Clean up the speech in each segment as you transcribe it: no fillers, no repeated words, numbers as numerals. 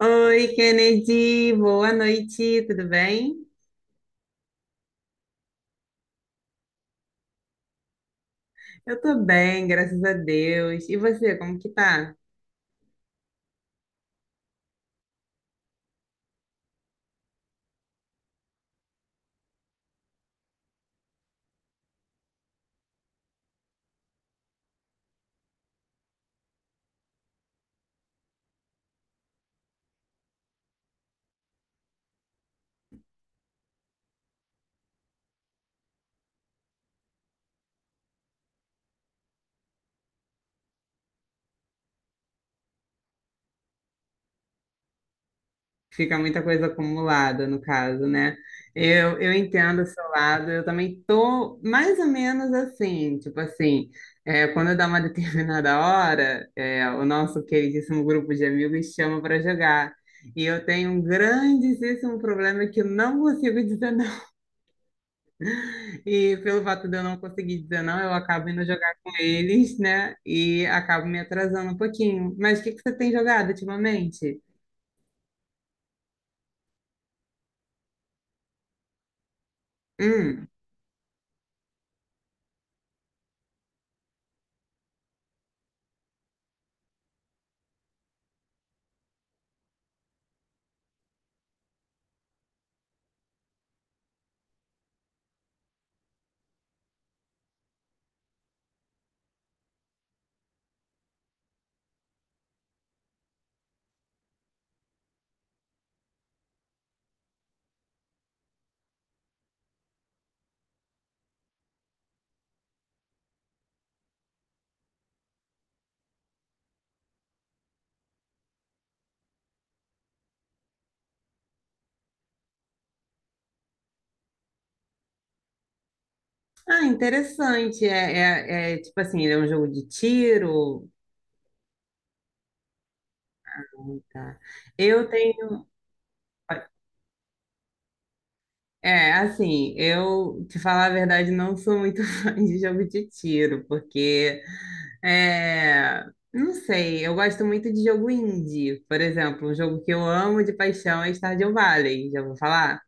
Oi, Kennedy, boa noite, tudo bem? Eu tô bem, graças a Deus. E você, como que tá? Fica muita coisa acumulada, no caso, né? Eu entendo o seu lado, eu também tô mais ou menos assim, tipo assim, quando dá uma determinada hora, o nosso queridíssimo grupo de amigos chama para jogar. E eu tenho um grandíssimo problema que eu não consigo dizer. E pelo fato de eu não conseguir dizer não, eu acabo indo jogar com eles, né? E acabo me atrasando um pouquinho. Mas o que que você tem jogado ultimamente? Hum. Ah, interessante. Tipo assim, ele é um jogo de tiro. Ah, tá. Eu tenho. Assim, te falar a verdade, não sou muito fã de jogo de tiro, porque. É, não sei, eu gosto muito de jogo indie. Por exemplo, um jogo que eu amo de paixão é Stardew Valley, já vou falar?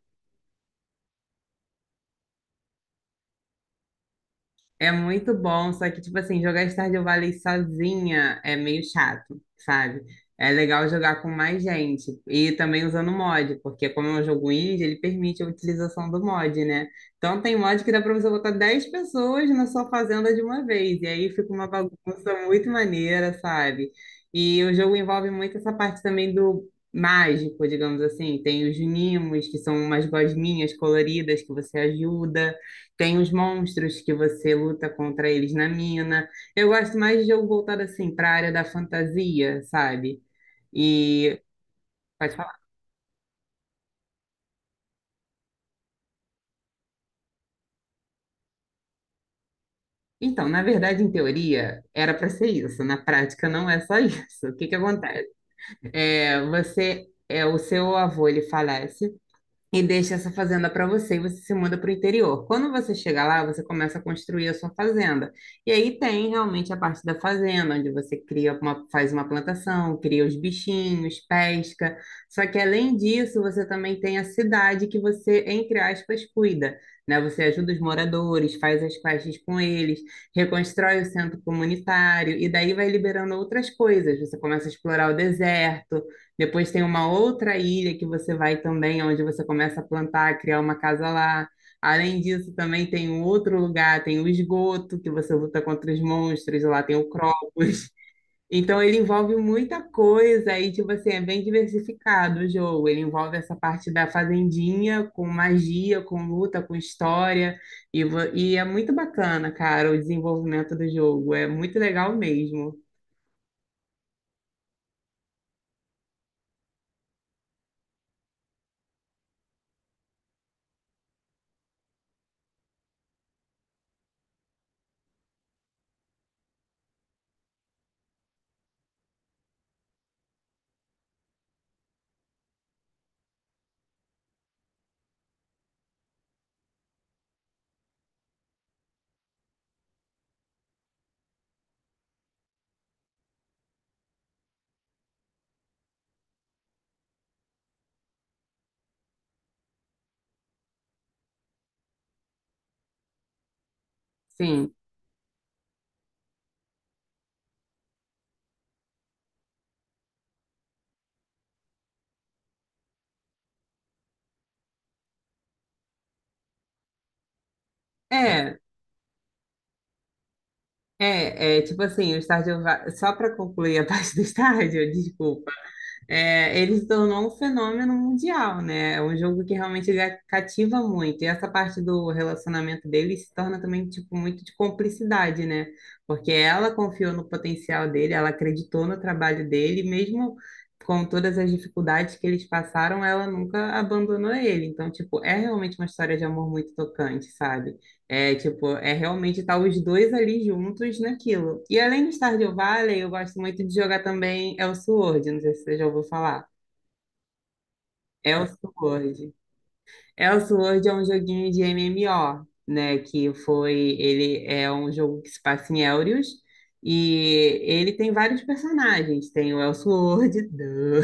É muito bom, só que, tipo assim, jogar Stardew Valley sozinha é meio chato, sabe? É legal jogar com mais gente e também usando mod, porque como é um jogo indie, ele permite a utilização do mod, né? Então tem mod que dá pra você botar 10 pessoas na sua fazenda de uma vez, e aí fica uma bagunça muito maneira, sabe? E o jogo envolve muito essa parte também do mágico, digamos assim. Tem os nimos, que são umas gosminhas coloridas que você ajuda. Tem os monstros que você luta contra eles na mina. Eu gosto mais de jogo voltado assim para a área da fantasia, sabe? E pode falar. Então, na verdade, em teoria, era para ser isso. Na prática, não é só isso. O que que acontece? O seu avô, ele falece. E deixa essa fazenda para você e você se muda para o interior. Quando você chega lá, você começa a construir a sua fazenda. E aí tem realmente a parte da fazenda, onde você cria uma, faz uma plantação, cria os bichinhos, pesca. Só que além disso, você também tem a cidade que você, entre aspas, cuida. Né? Você ajuda os moradores, faz as quests com eles, reconstrói o centro comunitário e daí vai liberando outras coisas. Você começa a explorar o deserto, depois tem uma outra ilha que você vai também, onde você começa a plantar, a criar uma casa lá. Além disso, também tem um outro lugar, tem o esgoto, que você luta contra os monstros, lá tem o Kropos. Então, ele envolve muita coisa e, tipo assim, é bem diversificado o jogo. Ele envolve essa parte da fazendinha, com magia, com luta, com história. E é muito bacana, cara, o desenvolvimento do jogo. É muito legal mesmo. Sim. É, tipo assim, o Stardew só para concluir a parte do Stardew, desculpa, ele se tornou um fenômeno mundial, né? É um jogo que realmente cativa muito. E essa parte do relacionamento dele se torna também, tipo, muito de cumplicidade, né? Porque ela confiou no potencial dele, ela acreditou no trabalho dele, mesmo com todas as dificuldades que eles passaram, ela nunca abandonou ele. Então, tipo, é realmente uma história de amor muito tocante, sabe? Tipo, é realmente estar os dois ali juntos naquilo. E além do Stardew Valley, eu gosto muito de jogar também Elsword, não sei se você já ouviu falar. Elsword. Elsword é um joguinho de MMO, né, que foi, ele é um jogo que se passa em Elrius, e ele tem vários personagens, tem o Elsword, duh.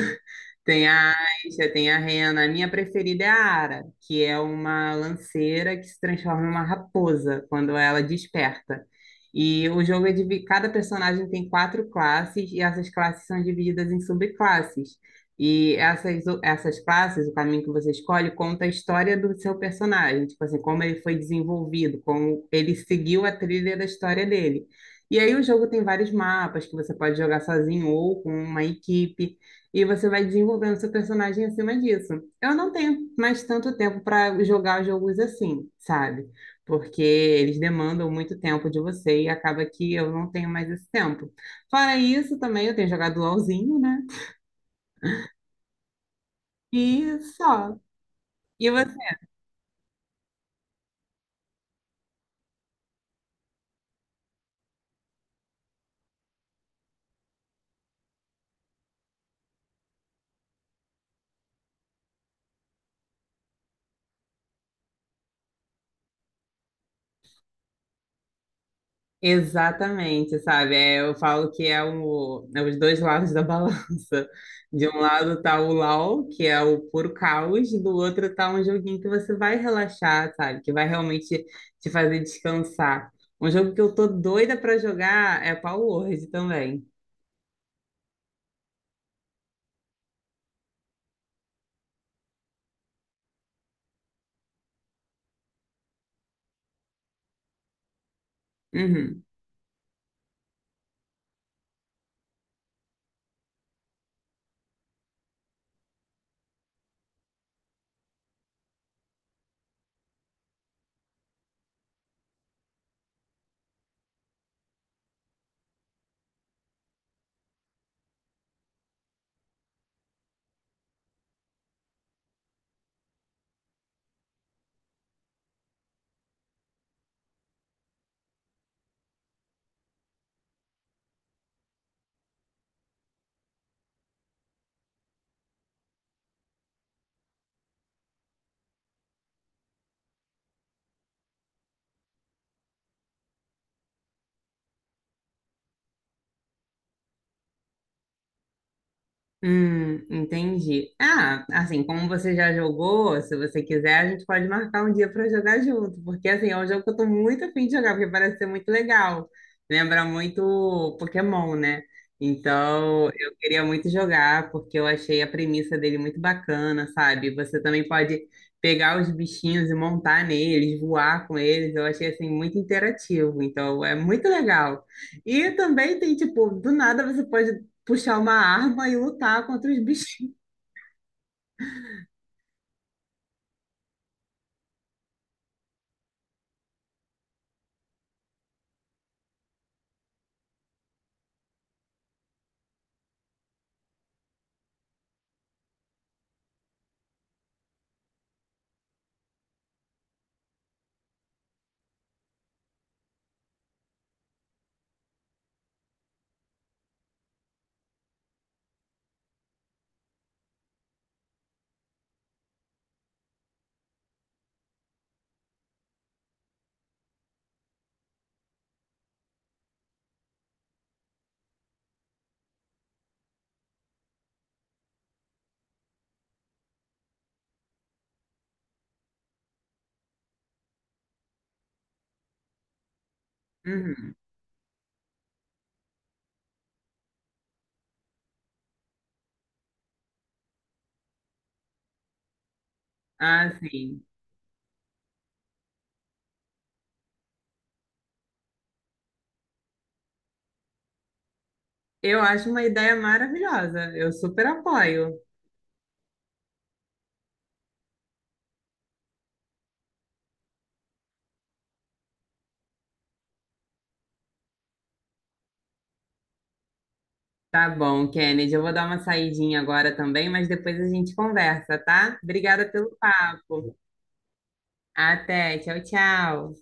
Tem a Aisha, tem a Rena. A minha preferida é a Ara, que é uma lanceira que se transforma em uma raposa quando ela desperta. E o jogo é dividido, cada personagem tem quatro classes e essas classes são divididas em subclasses. E essas classes, o caminho que você escolhe, conta a história do seu personagem, tipo assim, como ele foi desenvolvido, como ele seguiu a trilha da história dele. E aí o jogo tem vários mapas que você pode jogar sozinho ou com uma equipe. E você vai desenvolvendo seu personagem acima disso. Eu não tenho mais tanto tempo para jogar jogos assim, sabe? Porque eles demandam muito tempo de você e acaba que eu não tenho mais esse tempo. Fora isso, também eu tenho jogado LOLzinho, né? E só. E você? Exatamente, sabe? Eu falo que é os dois lados da balança. De um lado tá o LOL, que é o puro caos, do outro tá um joguinho que você vai relaxar, sabe? Que vai realmente te fazer descansar. Um jogo que eu tô doida pra jogar é Power Word também. Uhum. Entendi. Ah, assim, como você já jogou, se você quiser, a gente pode marcar um dia para jogar junto, porque assim, é um jogo que eu tô muito afim de jogar, porque parece ser muito legal. Lembra muito Pokémon, né? Então, eu queria muito jogar, porque eu achei a premissa dele muito bacana, sabe? Você também pode pegar os bichinhos e montar neles, voar com eles. Eu achei assim muito interativo, então é muito legal. E também tem, tipo, do nada você pode puxar uma arma e lutar contra os bichinhos. Uhum. Ah, sim. Eu acho uma ideia maravilhosa. Eu super apoio. Tá bom, Kennedy. Eu vou dar uma saidinha agora também, mas depois a gente conversa, tá? Obrigada pelo papo. Até. Tchau, tchau.